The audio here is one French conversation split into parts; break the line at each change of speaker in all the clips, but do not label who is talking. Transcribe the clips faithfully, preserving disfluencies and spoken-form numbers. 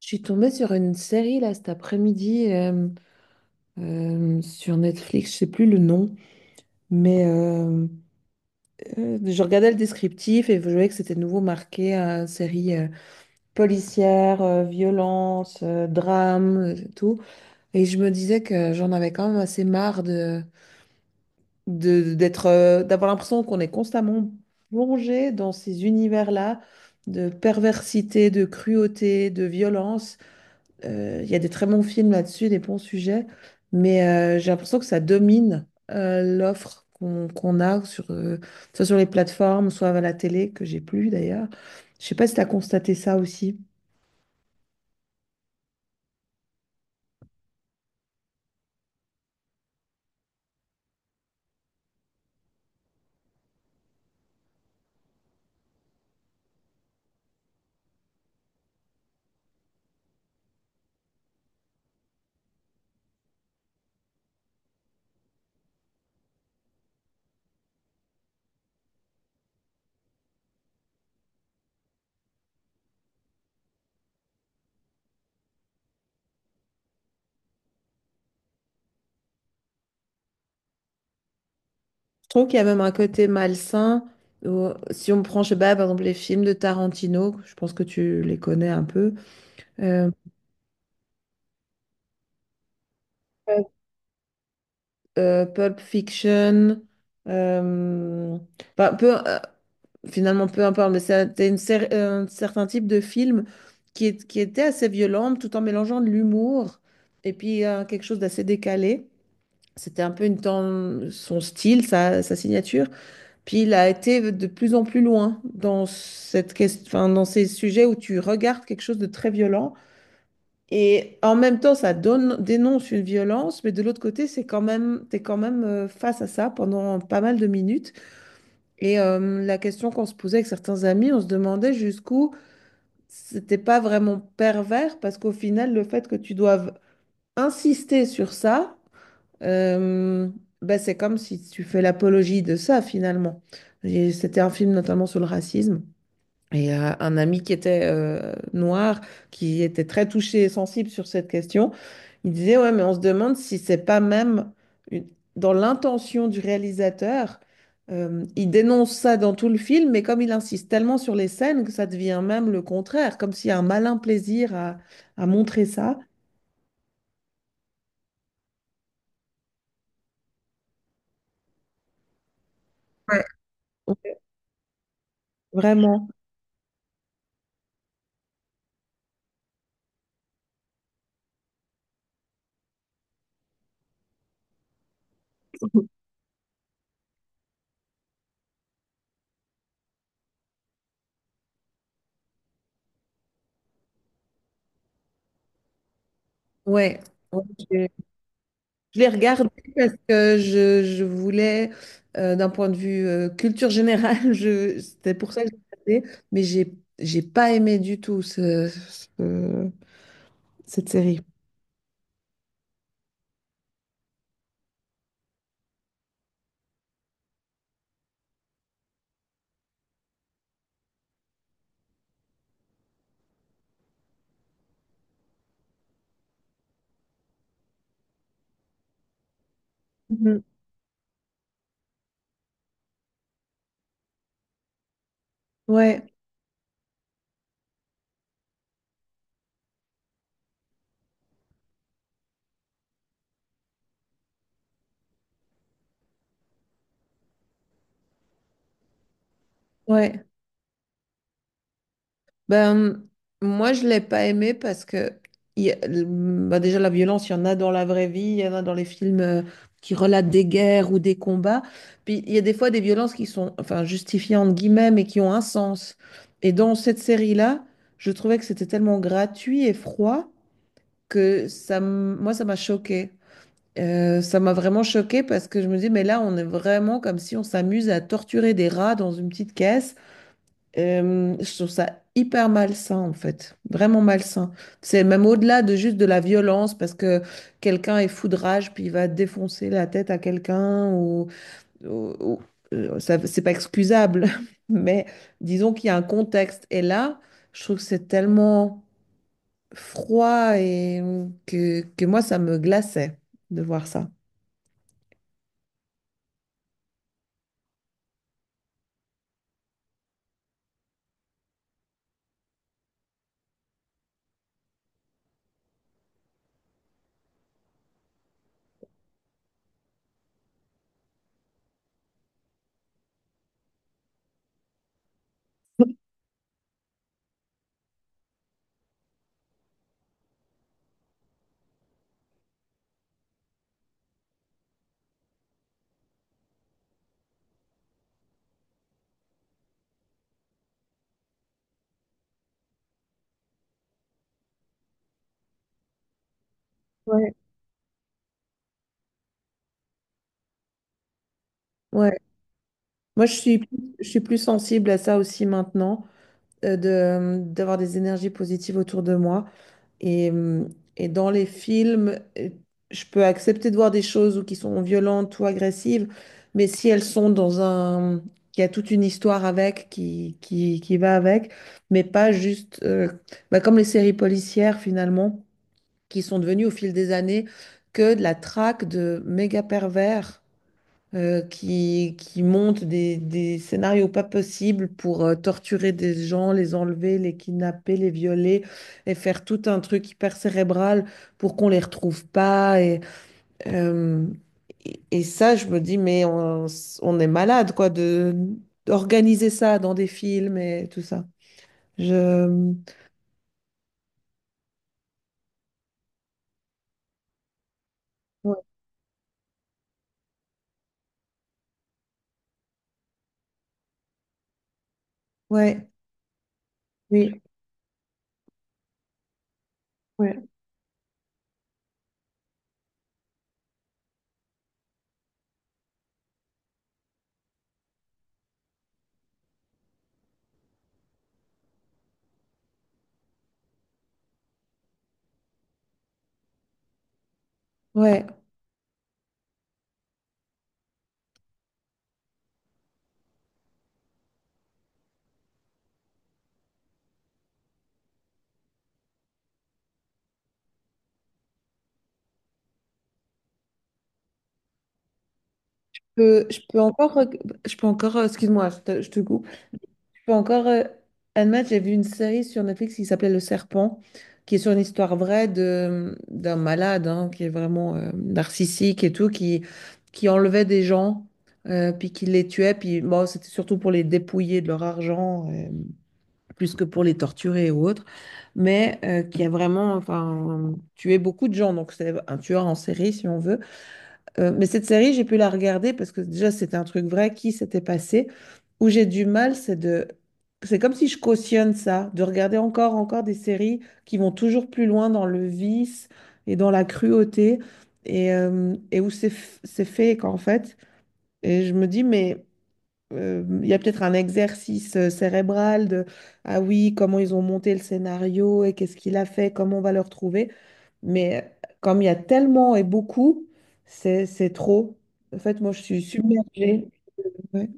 Je suis tombée sur une série là cet après-midi euh, euh, sur Netflix, je sais plus le nom, mais euh, euh, je regardais le descriptif et je voyais que c'était de nouveau marqué euh, série euh, policière, euh, violence, euh, drame, euh, tout. Et je me disais que j'en avais quand même assez marre de, de- d'être, euh, d'avoir l'impression qu'on est constamment plongé dans ces univers-là de perversité, de cruauté, de violence. Euh, Il y a des très bons films là-dessus, des bons sujets, mais euh, j'ai l'impression que ça domine euh, l'offre qu'on qu'on a, sur, euh, soit sur les plateformes, soit à la télé, que j'ai plus d'ailleurs. Je sais pas si tu as constaté ça aussi. Je trouve qu'il y a même un côté malsain. Où- si on prend, je sais pas, par exemple, les films de Tarantino, je pense que tu les connais un peu. Euh, euh, Pulp Fiction, euh, bah, peu, euh, finalement peu importe, mais c'était une cer- un certain type de film qui, est- qui était assez violent tout en mélangeant de l'humour et puis euh, quelque chose d'assez décalé. C'était un peu une ten- son style, sa, sa signature. Puis il a été de plus en plus loin dans cette ques- enfin, dans ces sujets où tu regardes quelque chose de très violent et en même temps, ça donne, dénonce une violence, mais de l'autre côté, c'est quand même, t'es quand même euh, face à ça pendant pas mal de minutes. Et euh, la question qu'on se posait avec certains amis, on se demandait jusqu'où c'était pas vraiment pervers, parce qu'au final, le fait que tu doives insister sur ça, euh, ben, c'est comme si tu fais l'apologie de ça finalement. Et c'était un film notamment sur le racisme. Et euh, un ami qui était euh, noir, qui était très touché et sensible sur cette question, il disait, ouais, mais on se demande si c'est pas même une- dans l'intention du réalisateur. Euh, il dénonce ça dans tout le film, mais comme il insiste tellement sur les scènes que ça devient même le contraire, comme s'il y a un malin plaisir à, à montrer ça. Ouais. Ouais, vraiment. Ouais. Je l'ai regardé parce que je, je voulais, euh, d'un point de vue euh, culture générale, je, c'était pour ça que j'ai regardé, mais j'ai, j'ai pas aimé du tout ce- ce- cette série. Mhm. Ouais, ouais. Ben, moi, je l'ai pas aimé parce que il y a- ben, déjà, la violence, il y en a dans la vraie vie, il y en a dans les films euh, qui relatent des guerres ou des combats. Puis, il y a des fois des violences qui sont, enfin, justifiées entre guillemets, mais qui ont un sens. Et dans cette série-là, je trouvais que c'était tellement gratuit et froid que ça, m- moi, ça m'a choqué. Euh, ça m'a vraiment choqué parce que je me dis, mais là, on est vraiment comme si on s'amuse à torturer des rats dans une petite caisse. Euh, je trouve ça hyper malsain en fait, vraiment malsain. C'est même au-delà de juste de la violence parce que quelqu'un est fou de rage puis il va défoncer la tête à quelqu'un ou, ou- ou- euh, ça, c'est pas excusable. Mais disons qu'il y a un contexte et là, je trouve que c'est tellement froid et que, que moi ça me glaçait de voir ça. Ouais, ouais. Moi, je suis, plus- je suis plus sensible à ça aussi maintenant. Euh, de, euh, d'avoir des énergies positives autour de moi. Et, euh, et dans les films, euh, je peux accepter de voir des choses ou qui sont violentes ou agressives, mais si elles sont dans un… qu'il y a toute une histoire avec, qui, qui, qui va avec, mais pas juste… euh, bah, comme les séries policières, finalement, qui sont devenues au fil des années que de la traque de méga pervers euh, qui, qui montent des, des scénarios pas possibles pour euh, torturer des gens, les enlever, les kidnapper, les violer et faire tout un truc hyper cérébral pour qu'on les retrouve pas. Et, euh, et, et ça, je me dis, mais on, on est malade, quoi, de, d'organiser ça dans des films et tout ça. Je… Ouais, ouais, oui. Ouais. Ouais, je peux, je peux encore, reg- je peux encore, euh, excuse-moi, je te, je te coupe. Je encore euh, un match, j'ai vu une série sur Netflix qui s'appelait Le Serpent, qui est sur une histoire vraie de d'un malade hein, qui est vraiment euh, narcissique et tout, qui, qui enlevait des gens, euh, puis qui les tuait, puis bon, c'était surtout pour les dépouiller de leur argent, euh, plus que pour les torturer ou autre, mais euh, qui a vraiment enfin, tué beaucoup de gens, donc c'est un tueur en série si on veut. Euh, mais cette série, j'ai pu la regarder parce que déjà, c'était un truc vrai qui s'était passé. Où j'ai du mal, c'est de… C'est comme si je cautionne ça, de regarder encore, encore des séries qui vont toujours plus loin dans le vice et dans la cruauté et, euh, et où c'est f- c'est fake en fait. Et je me dis, mais euh, il y a peut-être un exercice euh, cérébral de, ah oui, comment ils ont monté le scénario et qu'est-ce qu'il a fait, comment on va le retrouver. Mais euh, comme il y a tellement et beaucoup, c'est, c'est trop. En fait, moi, je suis submergée. Ouais.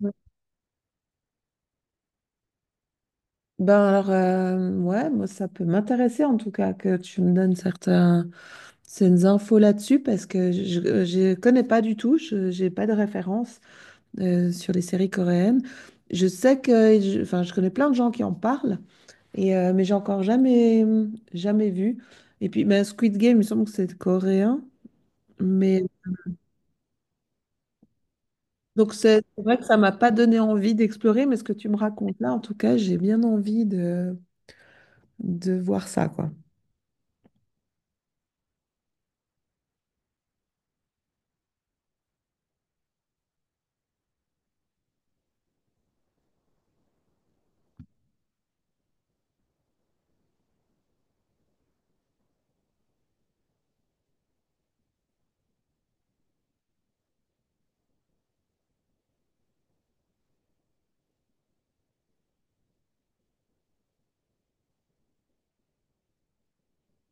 Ouais. Ben alors, euh, ouais, moi, ça peut m'intéresser en tout cas que tu me donnes certains, certaines infos là-dessus parce que je je connais pas du tout, je j'ai pas de référence euh, sur les séries coréennes. Je sais que, je- enfin, je connais plein de gens qui en parlent, et, euh, mais j'ai encore jamais, jamais vu. Et puis, ben, Squid Game, il me semble que c'est coréen, mais donc c'est c'est vrai que ça m'a pas donné envie d'explorer, mais ce que tu me racontes là, en tout cas, j'ai bien envie de, de voir ça, quoi.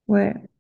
Ouais.